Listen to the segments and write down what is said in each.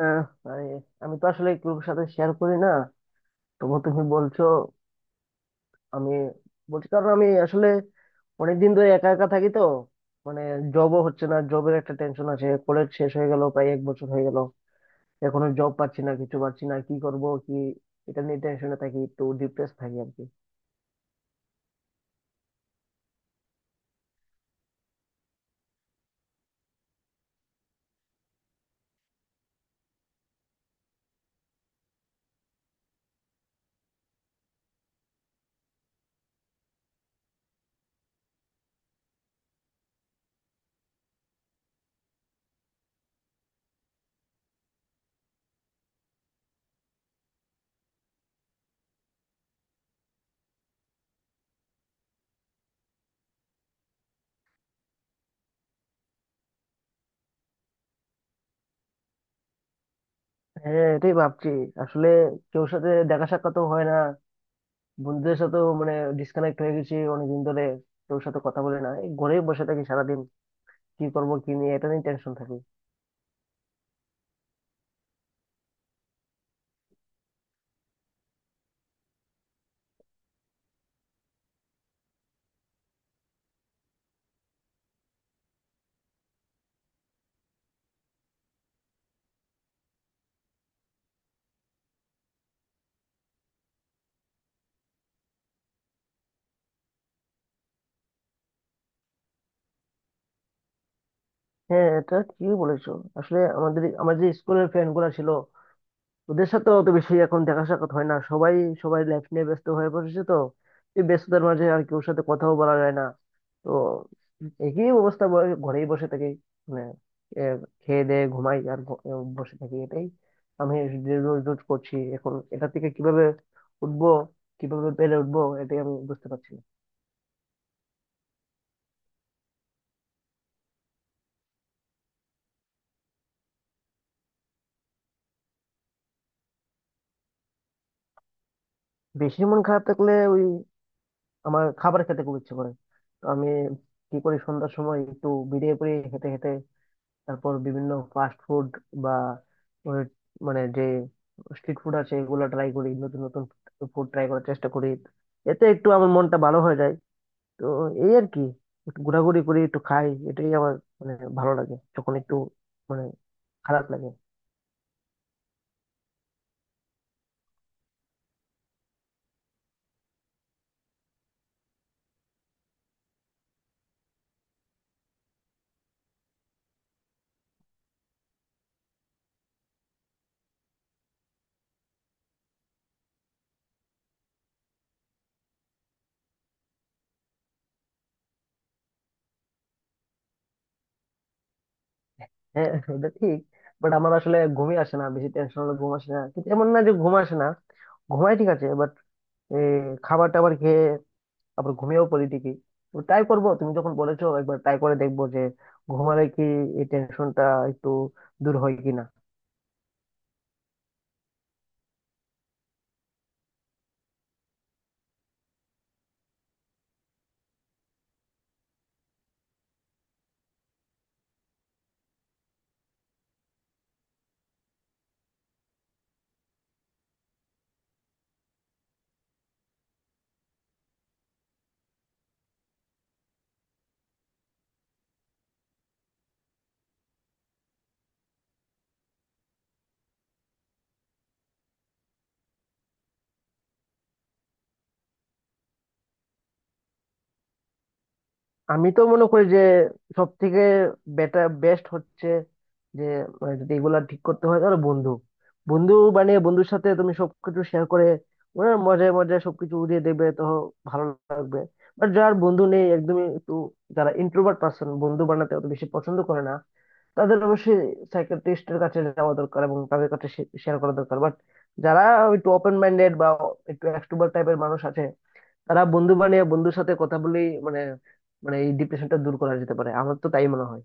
আহ, আরে, আমি তো আসলে কারোর সাথে শেয়ার করি না, তবু তুমি বলছো। আমি বলছি কারণ আমি আসলে অনেকদিন ধরে একা একা থাকি তো। মানে জবও হচ্ছে না, জবের একটা টেনশন আছে। কলেজ শেষ হয়ে গেল, প্রায় 1 বছর হয়ে গেল, এখনো জব পাচ্ছি না, কিছু পাচ্ছি না, কি করব কি। এটা নিয়ে টেনশনে থাকি, একটু ডিপ্রেস থাকি আর কি। হ্যাঁ, এটাই ভাবছি। আসলে কেউ সাথে দেখা সাক্ষাৎ হয় না, বন্ধুদের সাথেও। মানে ডিসকানেক্ট হয়ে গেছি অনেকদিন ধরে। কেউ সাথে কথা বলে না, এই ঘরেই বসে থাকি সারাদিন। কি করব, কি নিয়ে, এটা নিয়ে টেনশন থাকি। হ্যাঁ, এটা ঠিকই বলেছো। আসলে আমাদের আমাদের যে স্কুলের ফ্রেন্ড গুলা ছিল, ওদের সাথে অত বেশি এখন দেখা সাক্ষাৎ হয় না। সবাই সবাই লাইফ নিয়ে ব্যস্ত হয়ে পড়েছে তো। এই ব্যস্ততার মাঝে আর কেউ সাথে কথাও বলা যায় না। তো একই অবস্থা, ঘরেই বসে থাকি। মানে এ, খেয়ে দেয়ে ঘুমাই আর বসে থাকি। এটাই আমি যে রোজ রোজ করছি। এখন এটা থেকে কিভাবে উঠবো, কিভাবে পেরে উঠবো, এটাই আমি বুঝতে পারছি না। বেশি মন খারাপ থাকলে ওই আমার খাবার খেতে খুব ইচ্ছে করে। তো আমি কি করি, সন্ধ্যার সময় একটু বেরিয়ে পড়ি, হেঁটে হেঁটে। তারপর বিভিন্ন ফাস্ট ফুড বা ওই মানে যে স্ট্রিট ফুড আছে, এগুলো ট্রাই করি। নতুন নতুন ফুড ট্রাই করার চেষ্টা করি। এতে একটু আমার মনটা ভালো হয়ে যায়। তো এই আর কি, একটু ঘোরাঘুরি করি, একটু খাই, এটাই আমার মানে ভালো লাগে যখন একটু মানে খারাপ লাগে। হ্যাঁ, এটা ঠিক। বাট আমার আসলে ঘুমই আসে না, বেশি টেনশন হলে ঘুম আসে না, কিন্তু এমন না যে ঘুম আসে না, ঘুমাই ঠিক আছে। এই খাবার টাবার খেয়ে আবার ঘুমিয়েও পড়ি ঠিকই। তো ট্রাই করব, তুমি যখন বলেছো একবার ট্রাই করে দেখবো যে ঘুমালে কি এই টেনশনটা একটু দূর হয় কিনা। আমি তো মনে করি যে সব থেকে বেটার বেস্ট হচ্ছে যে, মানে যদি এগুলা ঠিক করতে হয় তাহলে বন্ধু বন্ধু বানিয়ে বন্ধুর সাথে তুমি সবকিছু শেয়ার করে, ওরা মজায় মজায় সবকিছু উড়িয়ে দেবে তো, ভালো লাগবে। বাট যার বন্ধু নেই একদমই, একটু যারা ইন্ট্রোভার্ট পার্সন, বন্ধু বানাতে অত বেশি পছন্দ করে না, তাদের অবশ্যই সাইকিয়াট্রিস্টের কাছে যাওয়া দরকার এবং তাদের কাছে শেয়ার করা দরকার। বাট যারা একটু ওপেন মাইন্ডেড বা একটু এক্সট্রোভার্ট টাইপের মানুষ আছে, তারা বন্ধু বানিয়ে বন্ধুর সাথে কথা বলে মানে, মানে এই ডিপ্রেশনটা দূর করা যেতে পারে, আমার তো তাই মনে হয়।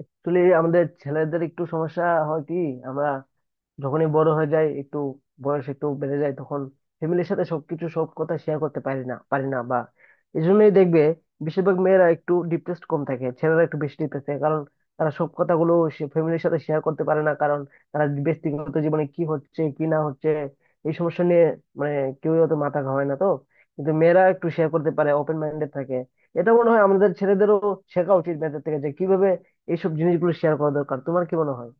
আসলে আমাদের ছেলেদের একটু সমস্যা হয় কি, আমরা যখনই বড় হয়ে যায়, একটু বয়স একটু বেড়ে যায়, তখন ফ্যামিলির সাথে সবকিছু সব কথা শেয়ার করতে পারি না বা এই জন্যই দেখবে বেশিরভাগ মেয়েরা একটু ডিপ্রেসড কম থাকে, ছেলেরা একটু বেশি ডিপ্রেস থাকে, কারণ তারা সব কথাগুলো ফ্যামিলির সাথে শেয়ার করতে পারে না। কারণ তারা ব্যক্তিগত জীবনে কি হচ্ছে কি না হচ্ছে এই সমস্যা নিয়ে মানে কেউই অত মাথা ঘামায় না তো। কিন্তু মেয়েরা একটু শেয়ার করতে পারে, ওপেন মাইন্ডেড থাকে। এটা মনে হয় আমাদের ছেলেদেরও শেখা উচিত মেয়েদের থেকে, যে কিভাবে এইসব জিনিসগুলো শেয়ার করা দরকার। তোমার কি মনে হয়?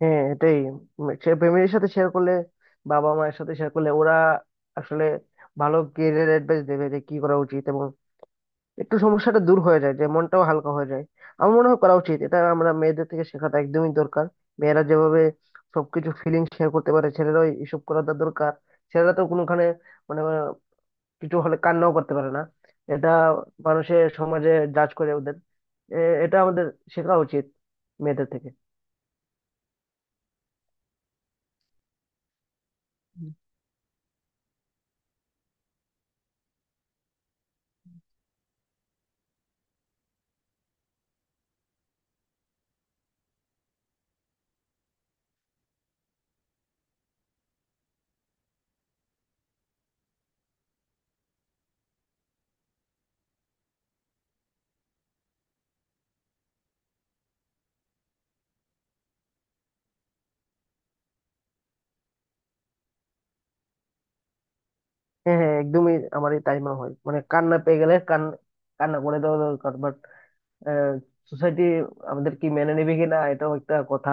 হ্যাঁ, এটাই, ফ্যামিলির সাথে শেয়ার করলে, বাবা মায়ের সাথে শেয়ার করলে ওরা আসলে ভালো কেরিয়ার অ্যাডভাইস দেবে যে কি করা উচিত, এবং একটু সমস্যাটা দূর হয়ে যায়, যে মনটাও হালকা হয়ে যায়। আমার মনে হয় করা উচিত, এটা আমরা মেয়েদের থেকে শেখাটা একদমই দরকার। মেয়েরা যেভাবে সবকিছু ফিলিং শেয়ার করতে পারে, ছেলেরাও এসব করাটা দরকার। ছেলেরা তো কোনোখানে মানে কিছু হলে কান্নাও করতে পারে না। এটা মানুষের সমাজে জাজ করে ওদের। এ- এটা আমাদের শেখা উচিত মেয়েদের থেকে। হ্যাঁ হ্যাঁ, একদমই আমার এই তাই মনে হয়, মানে কান্না পেয়ে গেলে কান্না করে দেওয়া দরকার। বাট সোসাইটি আমাদের কি মেনে নেবে কিনা, এটাও একটা কথা।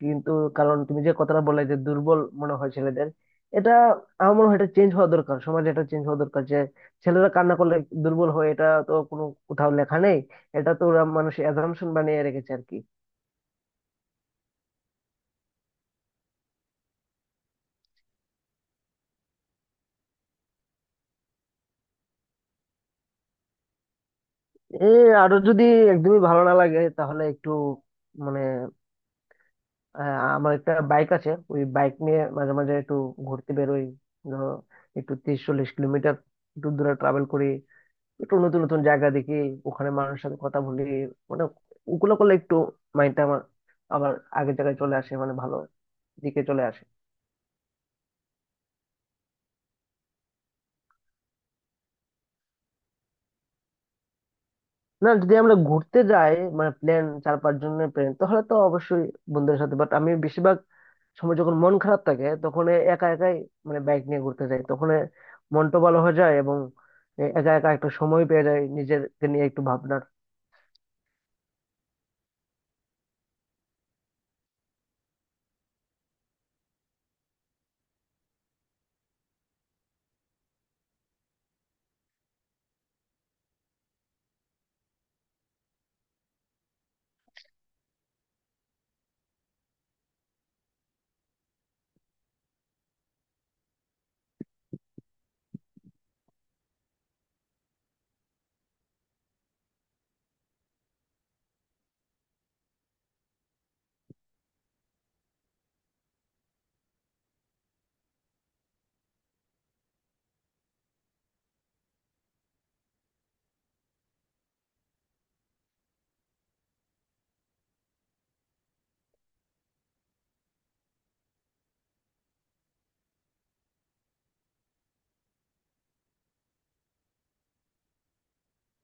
কিন্তু কারণ তুমি যে কথাটা বললে যে দুর্বল মনে হয় ছেলেদের, এটা আমার মনে হয় এটা চেঞ্জ হওয়া দরকার, সমাজে এটা চেঞ্জ হওয়া দরকার যে ছেলেরা কান্না করলে দুর্বল হয়, এটা তো কোনো কোথাও লেখা নেই। এটা তো ওরা মানুষ অ্যাজাম্পশন বানিয়ে রেখেছে আর কি। এ, আরো যদি একদমই ভালো না লাগে তাহলে একটু মানে আমার একটা বাইক আছে, ওই বাইক নিয়ে মাঝে মাঝে একটু ঘুরতে বেরোই। ধরো, একটু 30 40 কিলোমিটার একটু দূরে ট্রাভেল করি, একটু নতুন নতুন জায়গা দেখি, ওখানে মানুষের সাথে কথা বলি। মানে ওগুলো করলে একটু মাইন্ডটা আমার আবার আগের জায়গায় চলে আসে, মানে ভালো দিকে চলে আসে। না, যদি আমরা ঘুরতে যাই, মানে প্ল্যান, 4 5 জনের প্ল্যান, তাহলে তো অবশ্যই বন্ধুদের সাথে। বাট আমি সময় যখন মন খারাপ থাকে তখন এ একা একাই মানে বাইক নিয়ে ঘুরতে যাই, তখন এ মনটা ভালো হয়ে যায়, এবং এ একা একা একটা সময় পেয়ে যায় নিজেকে নিয়ে একটু ভাবনার।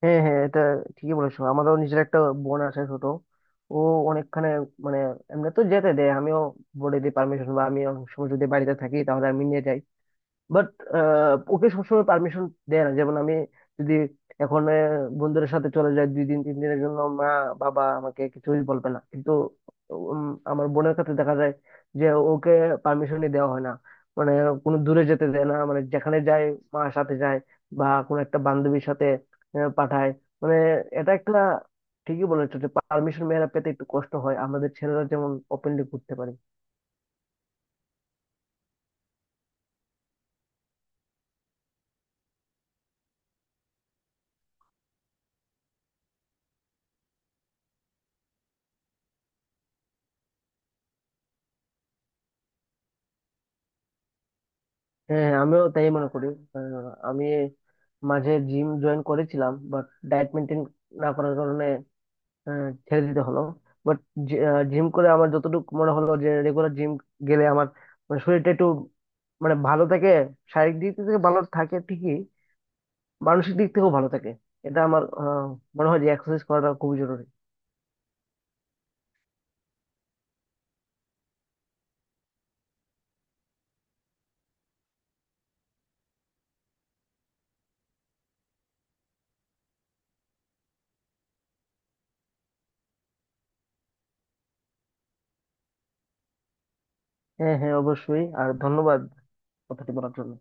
হ্যাঁ হ্যাঁ, এটা ঠিকই বলেছো। আমারও নিজের একটা বোন আছে, ছোট। ও অনেকখানে মানে এমনি তো যেতে দেয়, আমিও বলে দিই পারমিশন, বা আমি অনেক সময় যদি বাড়িতে থাকি তাহলে আমি নিয়ে যাই। বাট ওকে সবসময় পারমিশন দেয় না। যেমন আমি যদি এখন বন্ধুদের সাথে চলে যাই 2 দিন 3 দিনের জন্য, মা বাবা আমাকে কিছুই বলবে না। কিন্তু উম, আমার বোনের ক্ষেত্রে দেখা যায় যে ওকে পারমিশনই দেওয়া হয় না। মানে কোনো দূরে যেতে দেয় না, মানে যেখানে যায় মার সাথে যায় বা কোনো একটা বান্ধবীর সাথে পাঠায়। মানে এটা একটা, ঠিকই বলেছো যে পারমিশন মেয়েরা পেতে একটু কষ্ট হয়, আমাদের ছেলেরা যেমন ওপেনলি ঘুরতে পারে। হ্যাঁ, আমিও তাই মনে করি। আহ, আমি মাঝে জিম জয়েন করেছিলাম, বাট ডায়েট মেনটেন না করার কারণে ছেড়ে দিতে হলো। বাট জিম করে আমার যতটুকু মনে হলো যে রেগুলার জিম গেলে আমার মানে শরীরটা একটু মানে ভালো থাকে, শারীরিক দিক থেকে ভালো থাকে ঠিকই, মানসিক দিক থেকেও ভালো থাকে। এটা আমার মনে হয় যে এক্সারসাইজ করাটা খুবই জরুরি। হ্যাঁ হ্যাঁ, অবশ্যই। আর ধন্যবাদ কথাটি বলার জন্য।